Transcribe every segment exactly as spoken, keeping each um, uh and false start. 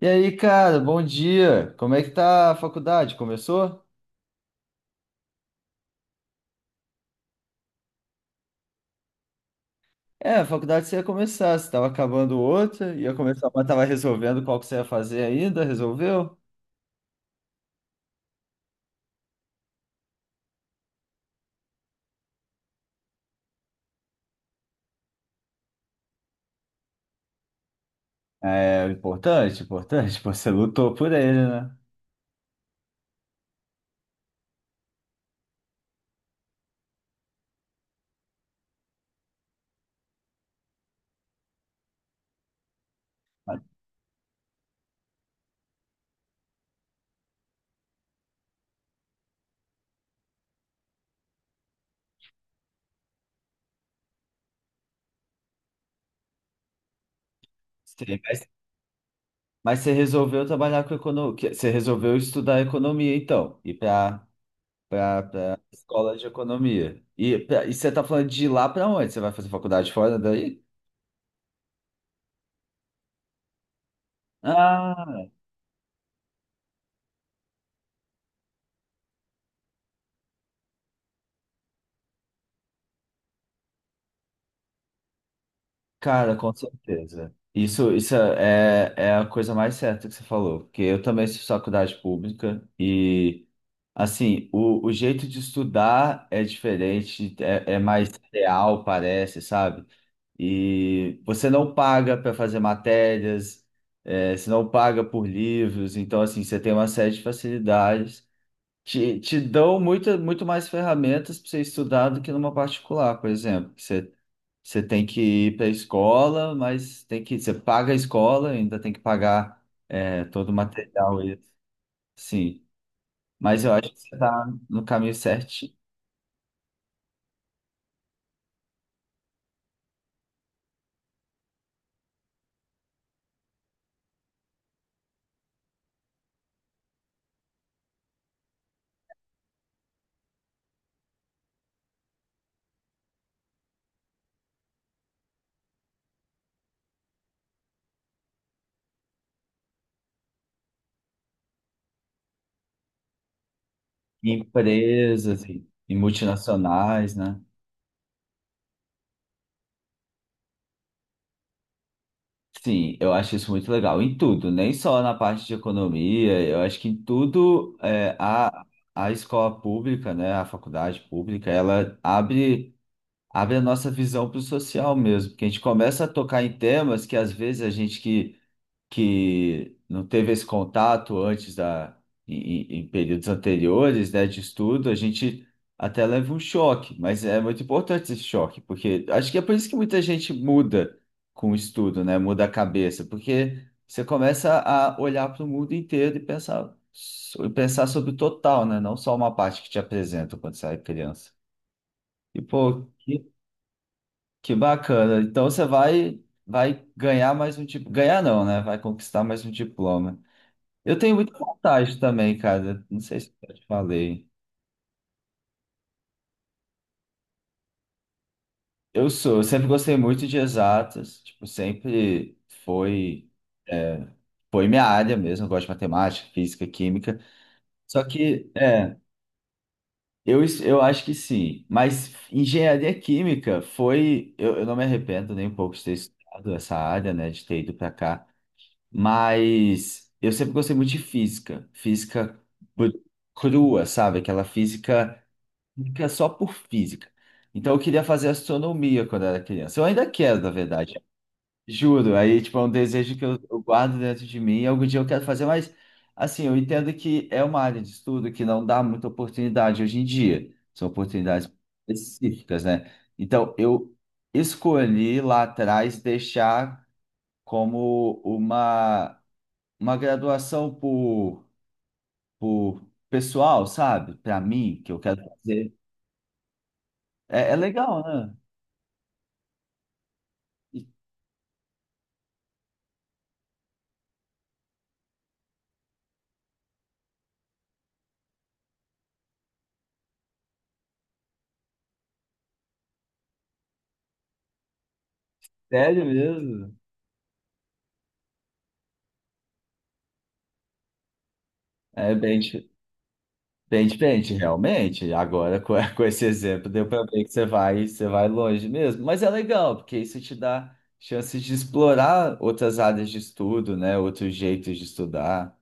E aí, cara, bom dia. Como é que tá a faculdade? Começou? É, a faculdade você ia começar, você estava acabando outra, ia começar mas estava resolvendo qual que você ia fazer ainda, resolveu? É, importante, importante, pô, você lutou por ele, né? Sim, mas, mas você resolveu trabalhar com economia, você resolveu estudar economia, então, ir para para escola de economia. E, pra- e você tá falando de ir lá para onde? Você vai fazer faculdade fora daí? Ah. Cara, com certeza. Isso, isso é, é a coisa mais certa que você falou, porque eu também fiz faculdade pública e, assim, o, o jeito de estudar é diferente, é, é mais real, parece, sabe? E você não paga para fazer matérias, é, você não paga por livros, então, assim, você tem uma série de facilidades. Te, te dão muito, muito mais ferramentas para você estudar do que numa particular, por exemplo. que Você, você tem que ir para a escola, mas tem que, você paga a escola, ainda tem que pagar é, todo o material. e- Sim, mas eu acho que você está no caminho certo. Em empresas e, e multinacionais, né? Sim, eu acho isso muito legal. Em tudo, nem só na parte de economia, eu acho que em tudo é, a, a, escola pública, né, a faculdade pública, ela abre. abre a nossa visão para o social mesmo, porque a gente começa a tocar em temas que às vezes a gente que, que não teve esse contato antes da em, em- em períodos anteriores, né, de estudo, a gente até leva um choque, mas é muito importante esse choque, porque acho que é por isso que muita gente muda com o estudo, né, muda a cabeça, porque você começa a olhar para o mundo inteiro e pensar so, e pensar sobre o total, né, não só uma parte que te apresentam quando você é criança. E pô, que bacana. Então você vai vai ganhar mais um tipo, ganhar não, né? Vai conquistar mais um diploma. Eu tenho muita vontade também, cara. Não sei se eu já te falei. Eu sou, eu sempre gostei muito de exatas, tipo, sempre foi é, foi minha área mesmo, eu gosto de matemática, física, química. Só que, é, eu, es- eu acho que sim. Mas engenharia química foi. Eu, eu não me arrependo nem um pouco de ter estudado essa área, né? De ter ido para cá. Mas eu sempre gostei muito de física, física br- crua, sabe? Aquela física, física só por física. Então eu queria fazer astronomia quando era criança. Eu ainda quero, na verdade. Juro. Aí, tipo, é um desejo que eu, eu guardo dentro de mim. E algum dia eu quero fazer, mas assim, eu entendo que é uma área de estudo que não dá muita oportunidade hoje em dia. São oportunidades específicas, né? Então eu escolhi lá atrás deixar como uma uma graduação por, por pessoal, sabe? Para mim, que eu quero fazer. É, é legal, né? E Sério mesmo. É bem, di- bem diferente, realmente. Agora, com, com esse exemplo, deu para ver que você vai, você vai longe mesmo. Mas é legal, porque isso te dá chances de explorar outras áreas de estudo, né? Outros jeitos de estudar.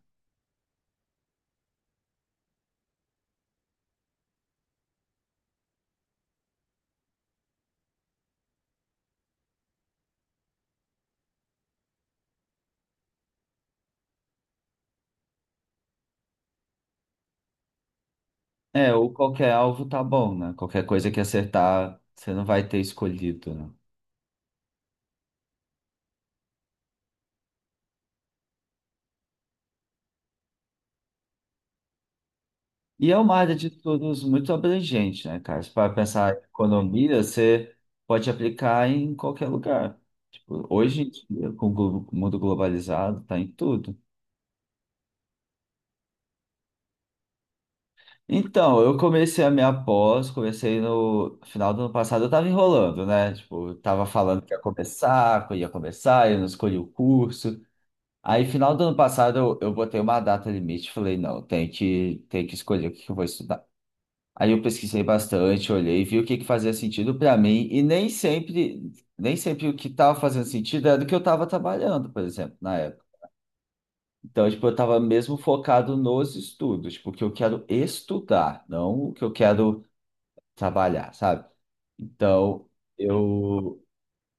É, ou qualquer alvo tá bom, né? Qualquer coisa que acertar, você não vai ter escolhido, né? E é uma área de estudos muito abrangente, né, cara? Se para pensar em economia, você pode aplicar em qualquer lugar. Tipo, hoje em dia, com o glo- o mundo globalizado, tá em tudo. Então, eu comecei a minha pós, comecei no final do ano passado, eu tava enrolando, né? Tipo, eu tava falando que ia começar, que eu ia começar, eu não escolhi o curso. Aí, final do ano passado, eu, eu botei uma data limite, falei, não, tem que, tem que escolher o que que eu vou estudar. Aí eu pesquisei bastante, olhei, vi o que que fazia sentido para mim e nem sempre, nem sempre o que estava fazendo sentido era do que eu estava trabalhando, por exemplo, na época. Então, tipo, eu estava mesmo focado nos estudos, porque eu quero estudar, não o que eu quero trabalhar, sabe? Então, eu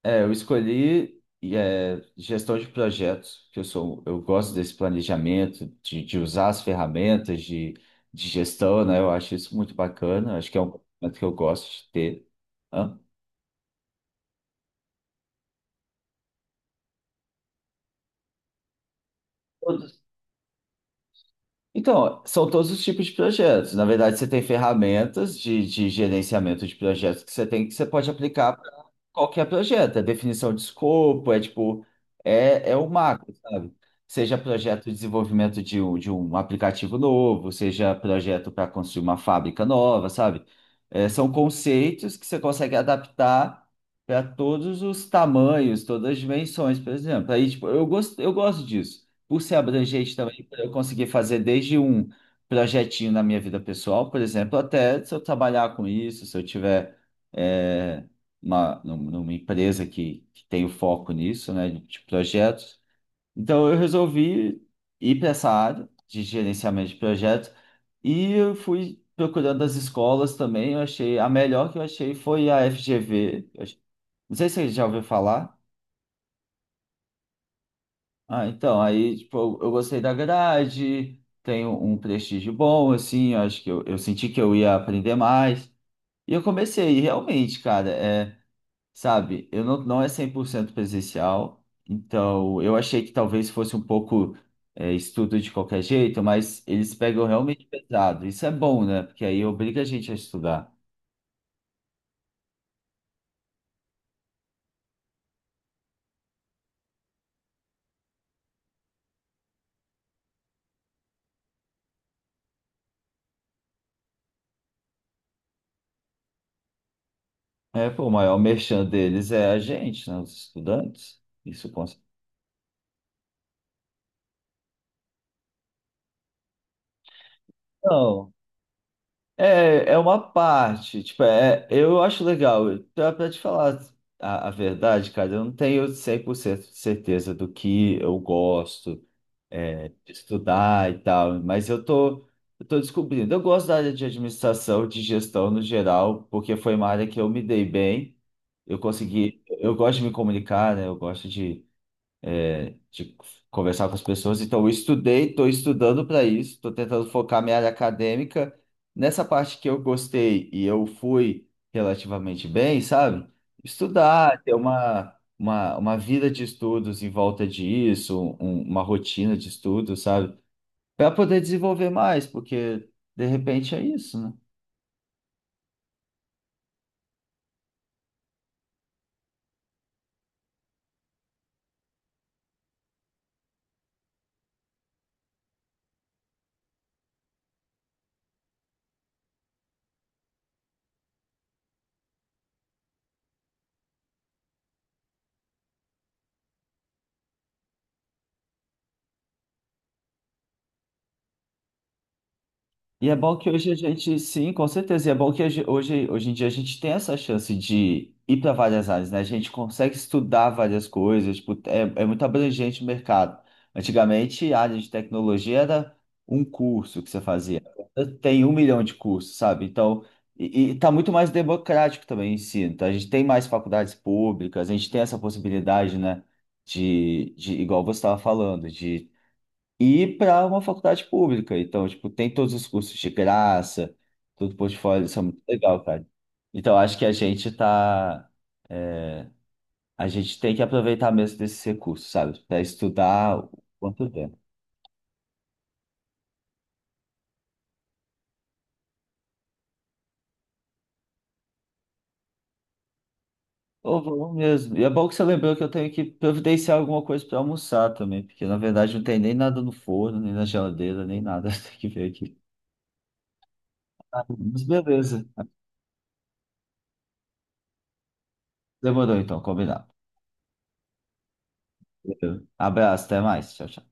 é, eu escolhi e, é, gestão de projetos, que eu sou, eu gosto desse planejamento, de, de usar as ferramentas de, de gestão, né? Eu acho isso muito bacana, acho que é um momento que eu gosto de ter. Hã? Então, são todos os tipos de projetos. Na verdade, você tem ferramentas de, de gerenciamento de projetos que você tem que você pode aplicar para qualquer projeto. É definição de escopo, é tipo, é, é o macro, sabe? Seja projeto de desenvolvimento de um, de um aplicativo novo, seja projeto para construir uma fábrica nova, sabe? É, são conceitos que você consegue adaptar para todos os tamanhos, todas as dimensões, por exemplo. Aí, tipo, eu gosto, eu gosto disso. Por ser abrangente também eu consegui fazer desde um projetinho na minha vida pessoal, por exemplo, até se eu trabalhar com isso, se eu tiver é, uma, num- numa empresa que, que tem o foco nisso, né, de projetos. Então eu resolvi ir para essa área de gerenciamento de projetos e eu fui procurando as escolas também. Eu achei a melhor que eu achei foi a F G V. Eu ach- Não sei se você já ouviu falar. Ah, então, aí, tipo, eu, eu gostei da grade, tenho um prestígio bom, assim, eu acho que eu, eu senti que eu ia aprender mais. E eu comecei, e realmente, cara, é, sabe, eu não, não é cem por cento presencial, então eu achei que talvez fosse um pouco é, estudo de qualquer jeito, mas eles pegam realmente pesado. Isso é bom, né? Porque aí obriga a gente a estudar. É, pô, o maior merchan deles é a gente, né? Os estudantes. Isso consta. É, é uma parte, tipo, é, eu acho legal. Pra, pra te falar a, a verdade, cara, eu não tenho cem por cento de certeza do que eu gosto, é, de estudar e tal, mas eu tô, eu tô descobrindo. Eu gosto da área de administração, de gestão no geral, porque foi uma área que eu me dei bem, eu consegui, eu gosto de me comunicar, né? Eu gosto de de conversar com as pessoas. Então, eu estudei, estou estudando para isso, estou tentando focar minha área acadêmica nessa parte que eu gostei e eu fui relativamente bem, sabe? Estudar, ter uma, uma, uma vida de estudos em volta disso, um- uma rotina de estudos, sabe? Para poder desenvolver mais, porque de repente é isso, né? E é bom que hoje a gente, sim, com certeza. E é bom que hoje, hoje hoje em dia a gente tem essa chance de ir para várias áreas, né? A gente consegue estudar várias coisas, tipo, é, é muito abrangente o mercado. Antigamente, a área de tecnologia era um curso que você fazia. Agora tem um milhão de cursos, sabe? Então, e, e tá muito mais democrático também o ensino. Então, a gente tem mais faculdades públicas, a gente tem essa possibilidade, né? De, de igual você estava falando, de e para uma faculdade pública. Então, tipo, tem todos os cursos de graça, todo o portfólio, isso é muito legal, cara. Então, acho que a gente tá, a gente tem que aproveitar mesmo desses recursos, sabe? Para estudar o quanto der. Ou vamos mesmo. E é bom que você lembrou que eu tenho que providenciar alguma coisa para almoçar também, porque na verdade não tem nem nada no forno, nem na geladeira, nem nada. Tem que ver aqui. Mas beleza. Demorou então, combinado. Valeu. Abraço, até mais. Tchau, tchau.